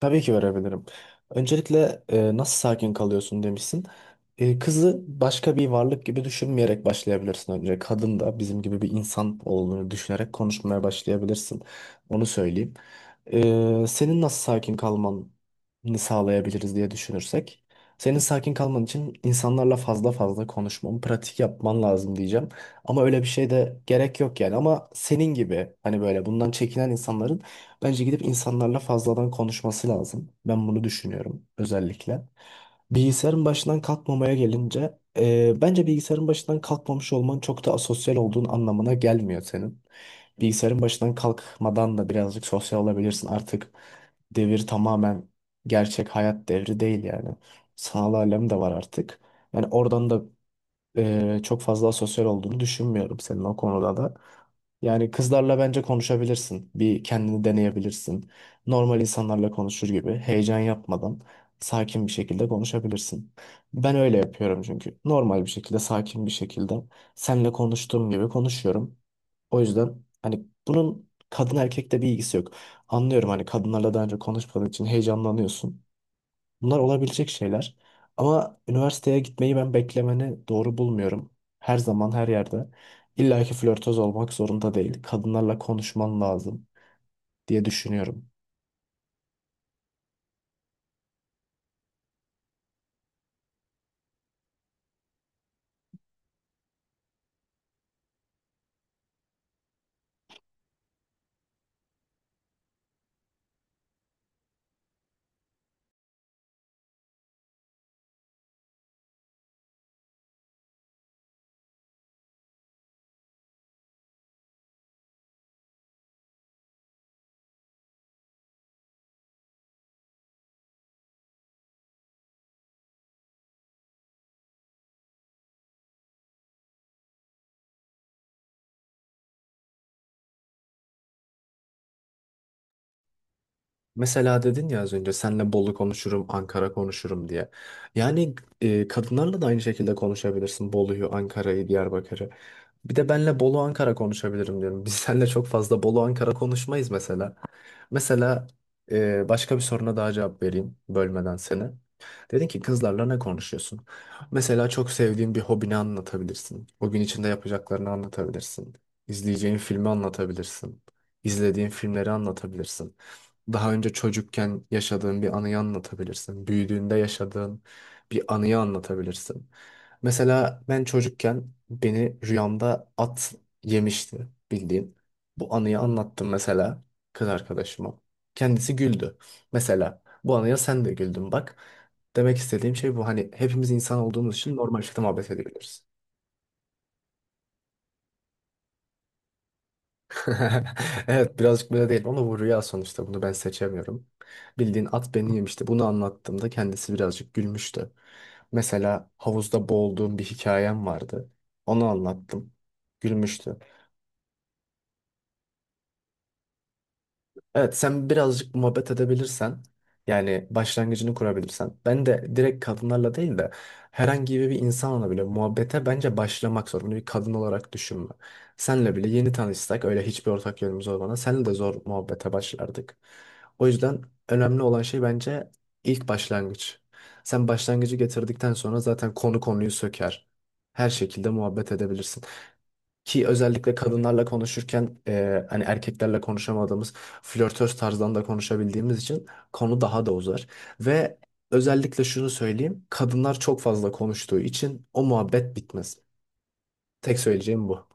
Tabii ki verebilirim. Öncelikle nasıl sakin kalıyorsun demişsin. Kızı başka bir varlık gibi düşünmeyerek başlayabilirsin önce. Kadın da bizim gibi bir insan olduğunu düşünerek konuşmaya başlayabilirsin. Onu söyleyeyim. Senin nasıl sakin kalmanı sağlayabiliriz diye düşünürsek. Senin sakin kalman için insanlarla fazla fazla konuşman, pratik yapman lazım diyeceğim. Ama öyle bir şey de gerek yok yani. Ama senin gibi hani böyle bundan çekinen insanların bence gidip insanlarla fazladan konuşması lazım. Ben bunu düşünüyorum özellikle. Bilgisayarın başından kalkmamaya gelince bence bilgisayarın başından kalkmamış olman çok da asosyal olduğun anlamına gelmiyor senin. Bilgisayarın başından kalkmadan da birazcık sosyal olabilirsin. Artık devir tamamen gerçek hayat devri değil yani. Sanal alem de var artık. Yani oradan da çok fazla sosyal olduğunu düşünmüyorum senin o konuda da. Yani kızlarla bence konuşabilirsin. Bir kendini deneyebilirsin. Normal insanlarla konuşur gibi heyecan yapmadan sakin bir şekilde konuşabilirsin. Ben öyle yapıyorum çünkü. Normal bir şekilde, sakin bir şekilde seninle konuştuğum gibi konuşuyorum. O yüzden hani bunun kadın erkekte bir ilgisi yok. Anlıyorum hani kadınlarla daha önce konuşmadığın için heyecanlanıyorsun. Bunlar olabilecek şeyler. Ama üniversiteye gitmeyi ben beklemeni doğru bulmuyorum. Her zaman her yerde. İlla ki flörtöz olmak zorunda değil. Kadınlarla konuşman lazım diye düşünüyorum. Mesela dedin ya az önce senle Bolu konuşurum, Ankara konuşurum diye. Yani kadınlarla da aynı şekilde konuşabilirsin. Bolu'yu, Ankara'yı, Diyarbakır'ı. Bir de benle Bolu Ankara konuşabilirim diyorum. Biz seninle çok fazla Bolu Ankara konuşmayız mesela. Mesela başka bir soruna daha cevap vereyim bölmeden seni. Dedin ki kızlarla ne konuşuyorsun? Mesela çok sevdiğin bir hobini anlatabilirsin. O gün içinde yapacaklarını anlatabilirsin. İzleyeceğin filmi anlatabilirsin. İzlediğin filmleri anlatabilirsin, daha önce çocukken yaşadığın bir anıyı anlatabilirsin. Büyüdüğünde yaşadığın bir anıyı anlatabilirsin. Mesela ben çocukken beni rüyamda at yemişti bildiğin. Bu anıyı anlattım mesela kız arkadaşıma. Kendisi güldü. Mesela bu anıya sen de güldün bak. Demek istediğim şey bu. Hani hepimiz insan olduğumuz için normal şekilde muhabbet edebiliriz. Evet, birazcık böyle değil ama bu rüya sonuçta bunu ben seçemiyorum. Bildiğin at beni yemişti. Bunu anlattığımda kendisi birazcık gülmüştü. Mesela havuzda boğulduğum bir hikayem vardı. Onu anlattım. Gülmüştü. Evet, sen birazcık muhabbet edebilirsen yani başlangıcını kurabilirsen ben de direkt kadınlarla değil de herhangi bir insanla bile muhabbete bence başlamak zor. Bunu bir kadın olarak düşünme. Senle bile yeni tanışsak öyle hiçbir ortak yönümüz olmadan senle de zor muhabbete başlardık. O yüzden önemli olan şey bence ilk başlangıç. Sen başlangıcı getirdikten sonra zaten konu konuyu söker. Her şekilde muhabbet edebilirsin. Ki özellikle kadınlarla konuşurken hani erkeklerle konuşamadığımız flörtöz tarzdan da konuşabildiğimiz için konu daha da uzar. Ve özellikle şunu söyleyeyim, kadınlar çok fazla konuştuğu için o muhabbet bitmez. Tek söyleyeceğim bu.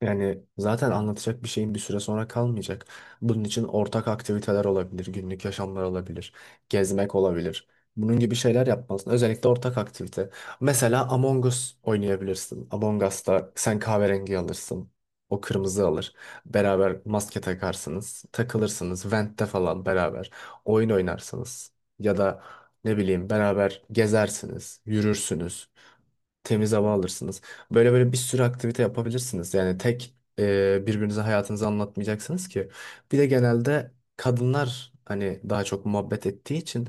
Yani zaten anlatacak bir şeyin bir süre sonra kalmayacak. Bunun için ortak aktiviteler olabilir, günlük yaşamlar olabilir, gezmek olabilir. Bunun gibi şeyler yapmalısın. Özellikle ortak aktivite. Mesela Among Us oynayabilirsin. Among Us'ta sen kahverengi alırsın. O kırmızı alır. Beraber maske takarsınız. Takılırsınız. Vent'te falan beraber. Oyun oynarsınız. Ya da ne bileyim beraber gezersiniz. Yürürsünüz, temiz hava alırsınız. Böyle böyle bir sürü aktivite yapabilirsiniz. Yani tek birbirinize hayatınızı anlatmayacaksınız ki. Bir de genelde kadınlar hani daha çok muhabbet ettiği için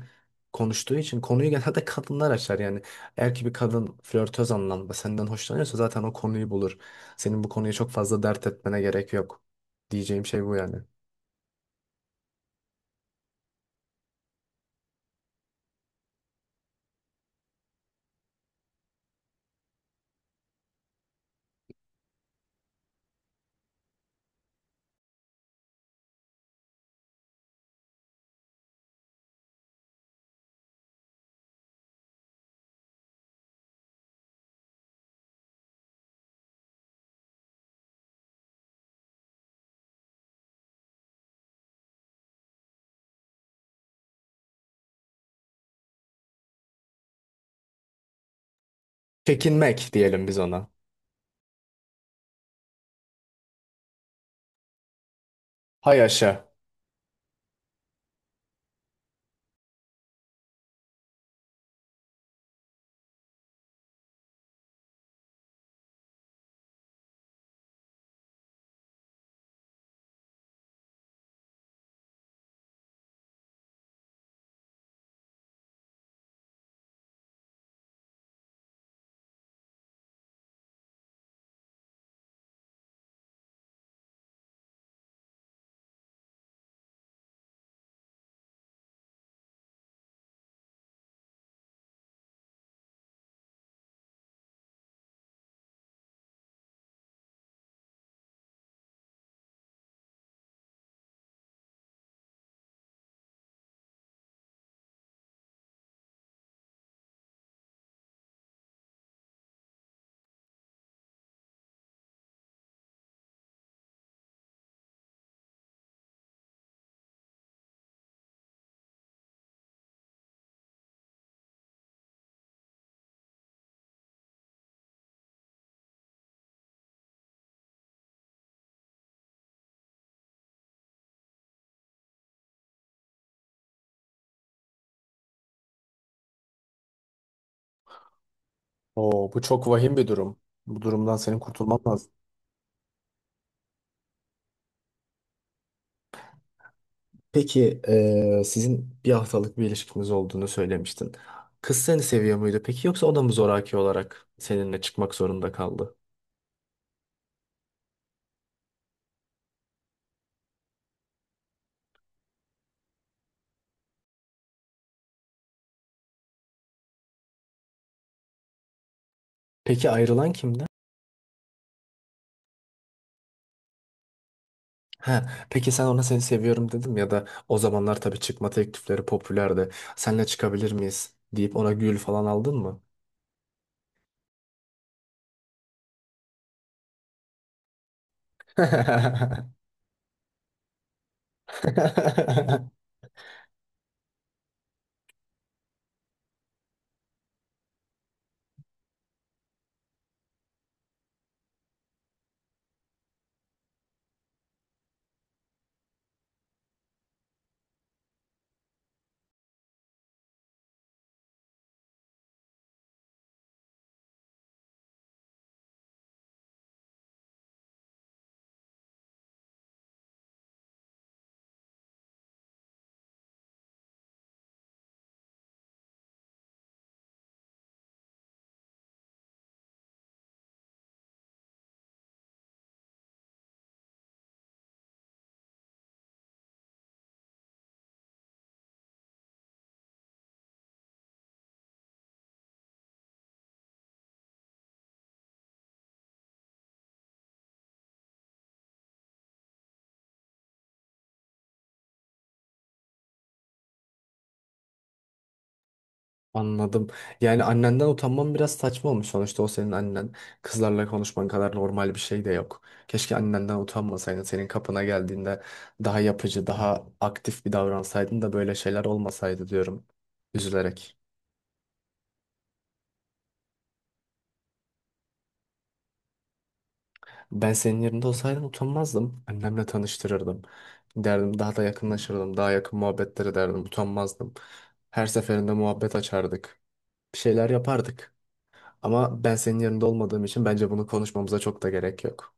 konuştuğu için konuyu genelde kadınlar açar yani. Eğer ki bir kadın flörtöz anlamda senden hoşlanıyorsa zaten o konuyu bulur. Senin bu konuyu çok fazla dert etmene gerek yok. Diyeceğim şey bu yani. Çekinmek diyelim biz ona. Hay aşa. Oo, bu çok vahim bir durum. Bu durumdan senin kurtulman lazım. Peki sizin bir haftalık bir ilişkiniz olduğunu söylemiştin. Kız seni seviyor muydu peki yoksa o da mı zoraki olarak seninle çıkmak zorunda kaldı? Peki ayrılan kimdi? Ha, peki sen ona seni seviyorum dedim ya da o zamanlar tabii çıkma teklifleri popülerdi. Senle çıkabilir miyiz deyip ona gül falan aldın mı? Anladım. Yani annenden utanman biraz saçma olmuş sonuçta o senin annen. Kızlarla konuşman kadar normal bir şey de yok. Keşke annenden utanmasaydın. Senin kapına geldiğinde daha yapıcı, daha aktif bir davransaydın da böyle şeyler olmasaydı diyorum. Üzülerek. Ben senin yerinde olsaydım utanmazdım. Annemle tanıştırırdım. Derdim daha da yakınlaşırdım. Daha yakın muhabbetler ederdim. Utanmazdım. Her seferinde muhabbet açardık. Bir şeyler yapardık. Ama ben senin yerinde olmadığım için bence bunu konuşmamıza çok da gerek yok.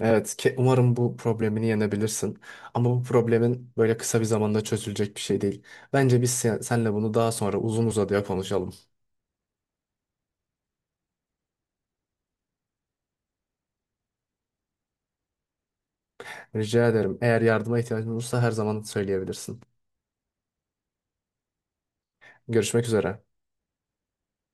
Evet, ke- umarım bu problemini yenebilirsin. Ama bu problemin böyle kısa bir zamanda çözülecek bir şey değil. Bence biz senle bunu daha sonra uzun uzadıya konuşalım. Rica ederim. Eğer yardıma ihtiyacın olursa her zaman söyleyebilirsin. Görüşmek üzere.